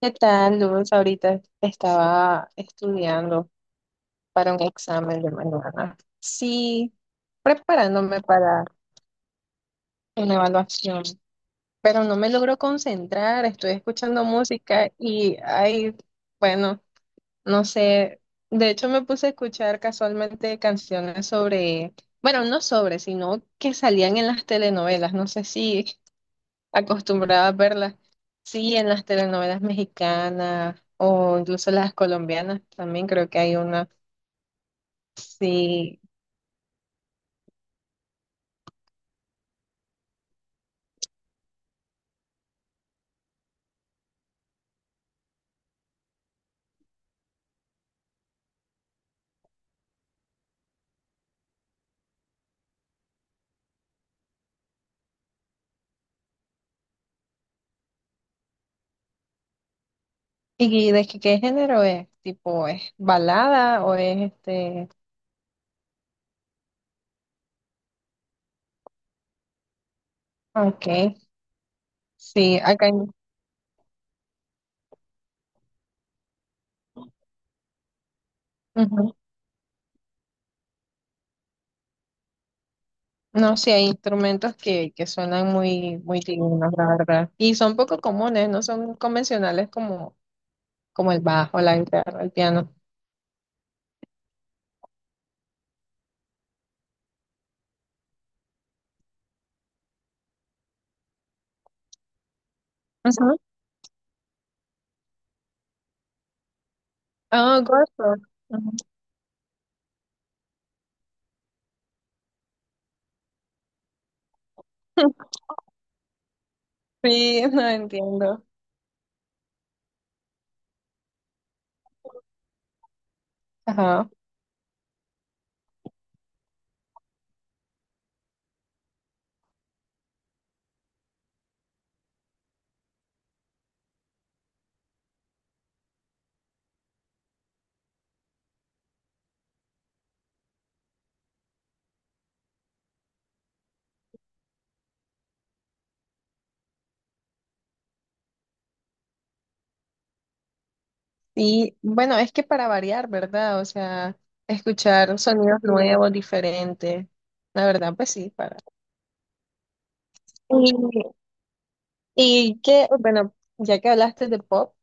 ¿Qué tal, Luz? Ahorita estaba estudiando para un examen de mañana. Sí, preparándome para una evaluación, pero no me logro concentrar. Estoy escuchando música y, ay, bueno, no sé. De hecho, me puse a escuchar casualmente canciones sobre, bueno, no sobre, sino que salían en las telenovelas. No sé si acostumbrada a verlas. Sí, en las telenovelas mexicanas o incluso las colombianas también creo que hay una. Sí. ¿Y de qué género es? ¿Tipo es balada o es este? Ah, okay. Sí, acá hay... Ujú. No, sí hay instrumentos que suenan muy, muy dignos, la verdad. Y son poco comunes, no son convencionales como, como el bajo, la guitarra, el piano. Ujú. Ah, gospel. Ujú. Sí, no entiendo. Ajá. Y bueno, es que para variar, ¿verdad? O sea, escuchar sonidos nuevos, diferentes. La verdad, pues sí, para. Y, y que, bueno, ya que hablaste de pop,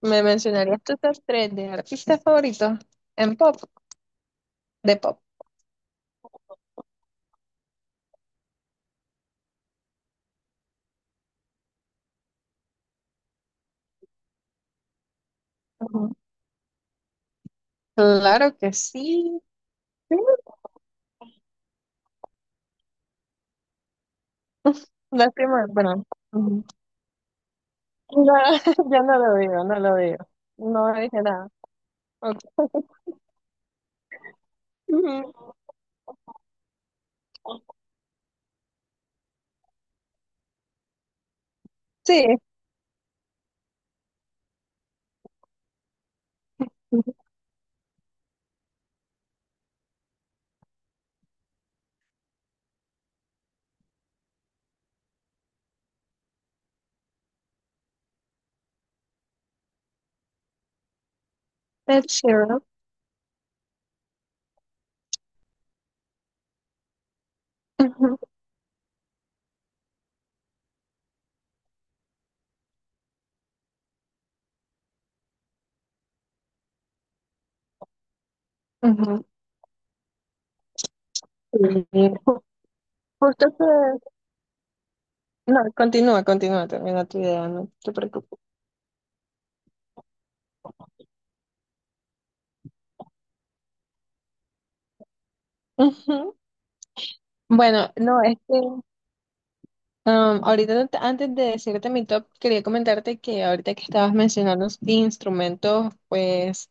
¿me mencionarías tus top tres de artistas favoritos en pop, de pop? Ujú. Claro que sí. Sí, lástima, bueno. Ujú. No, yo no lo digo, no lo digo. No dije nada. Ok. Ujú. Sí, Ed Sheeran. Ujú, ujú. Sí. Justo que... No, continúa, continúa, termina tu idea, no te preocupes. Ujú. Bueno, no, es que ahorita no te... antes de decirte mi top, quería comentarte que ahorita que estabas mencionando instrumentos, pues,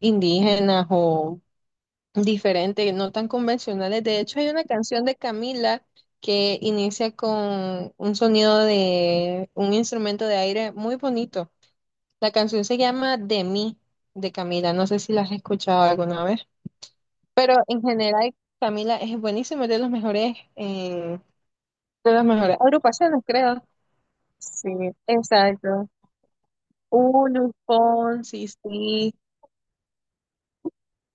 indígenas o diferentes, no tan convencionales. De hecho, hay una canción de Camila que inicia con un sonido de un instrumento de aire muy bonito. La canción se llama De mí, de Camila. No sé si la has escuchado alguna vez. Pero en general, Camila es buenísimo, es de los mejores, de las mejores agrupaciones, creo. Sí, exacto. Luis Fonsi, sí,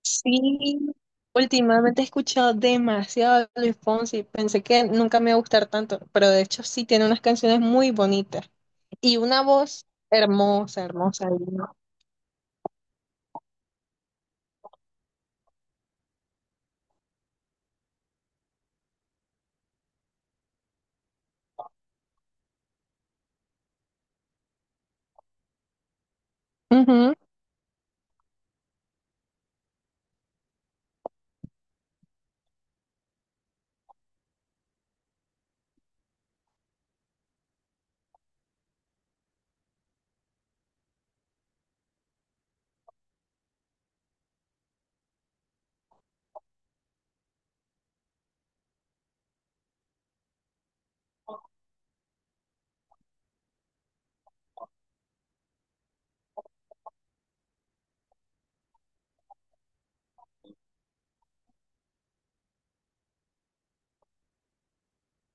sí. Últimamente he escuchado demasiado a Luis Fonsi. Pensé que nunca me iba a gustar tanto, pero de hecho sí tiene unas canciones muy bonitas y una voz hermosa, hermosa, divina.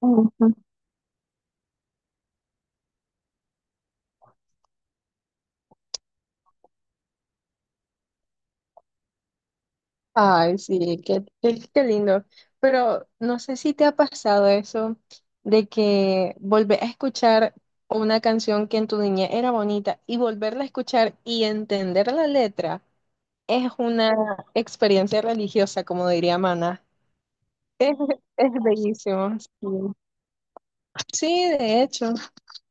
Ujú. Ay, sí, qué, qué, qué lindo. Pero no sé si te ha pasado eso de que volver a escuchar una canción que en tu niñez era bonita y volverla a escuchar y entender la letra es una experiencia religiosa, como diría Mana. Es, es bellísimo. Sí. Sí, de hecho,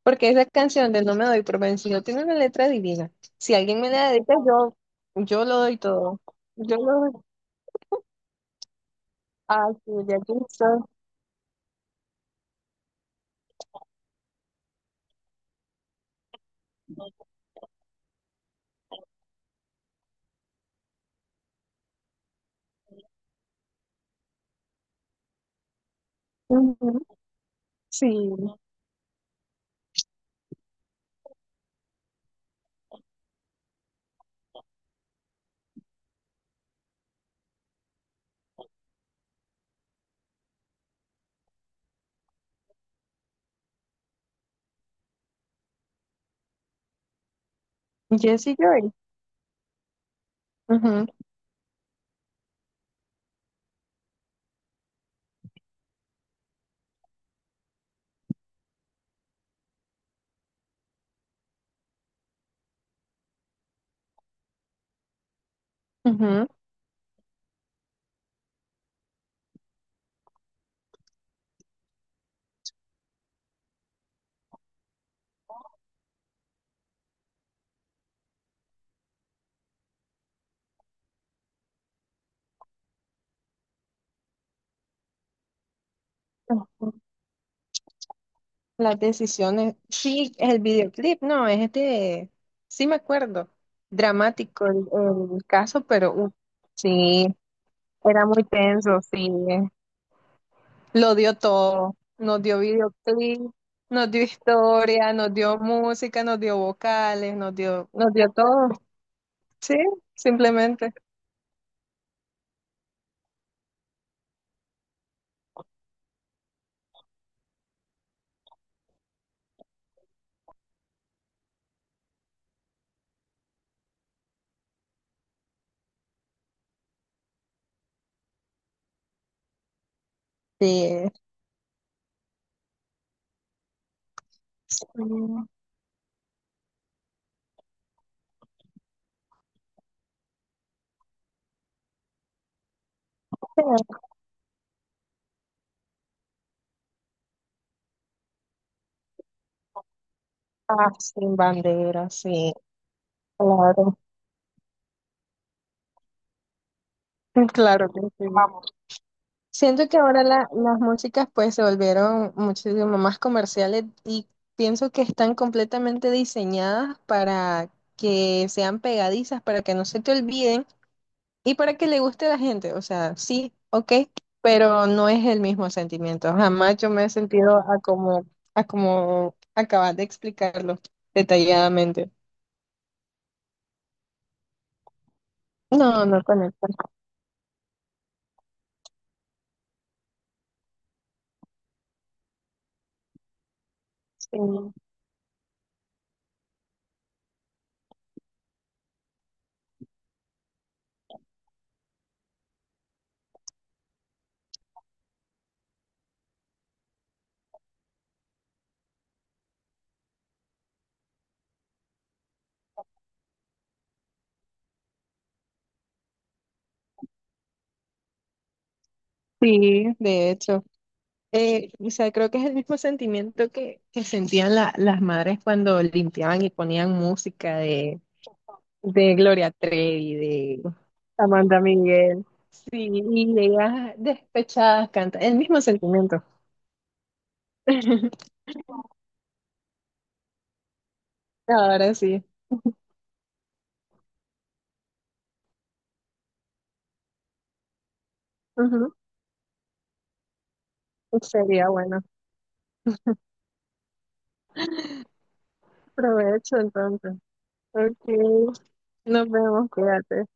porque esa canción de No me doy por vencido tiene una letra divina. Si alguien me la dedica, yo lo doy todo. Yo lo doy. Ah, sí, de aquí soy. Sí, Jessie Joy. Ujú, ujú, ujú. Las decisiones. Sí, el videoclip, no, es de, sí me acuerdo, dramático el caso, pero uf, sí, era muy tenso, sí. Lo dio todo, nos dio videoclip, nos dio historia, nos dio música, nos dio vocales, nos dio todo, sí, simplemente. Sí, sí. Ah, sin bandera, sí. Claro. Claro, te entiendo. Vamos. Siento que ahora la... las músicas pues se volvieron muchísimo más comerciales y pienso que están completamente diseñadas para que sean pegadizas, para que no se te olviden y para que le guste a la gente. O sea, sí, ok, pero no es el mismo sentimiento. Jamás yo me he sentido a como acabas de explicarlo detalladamente. No, no conecta. Sí, sí, de hecho. O sea, creo que es el mismo sentimiento que sentían la... las madres cuando limpiaban y ponían música de Gloria Trevi, de Amanda Miguel. Sí, y ellas despechadas cantan, el mismo sentimiento. Ahora sí. Ujú, sería bueno. Provecho entonces. Ok, nos vemos, cuídate.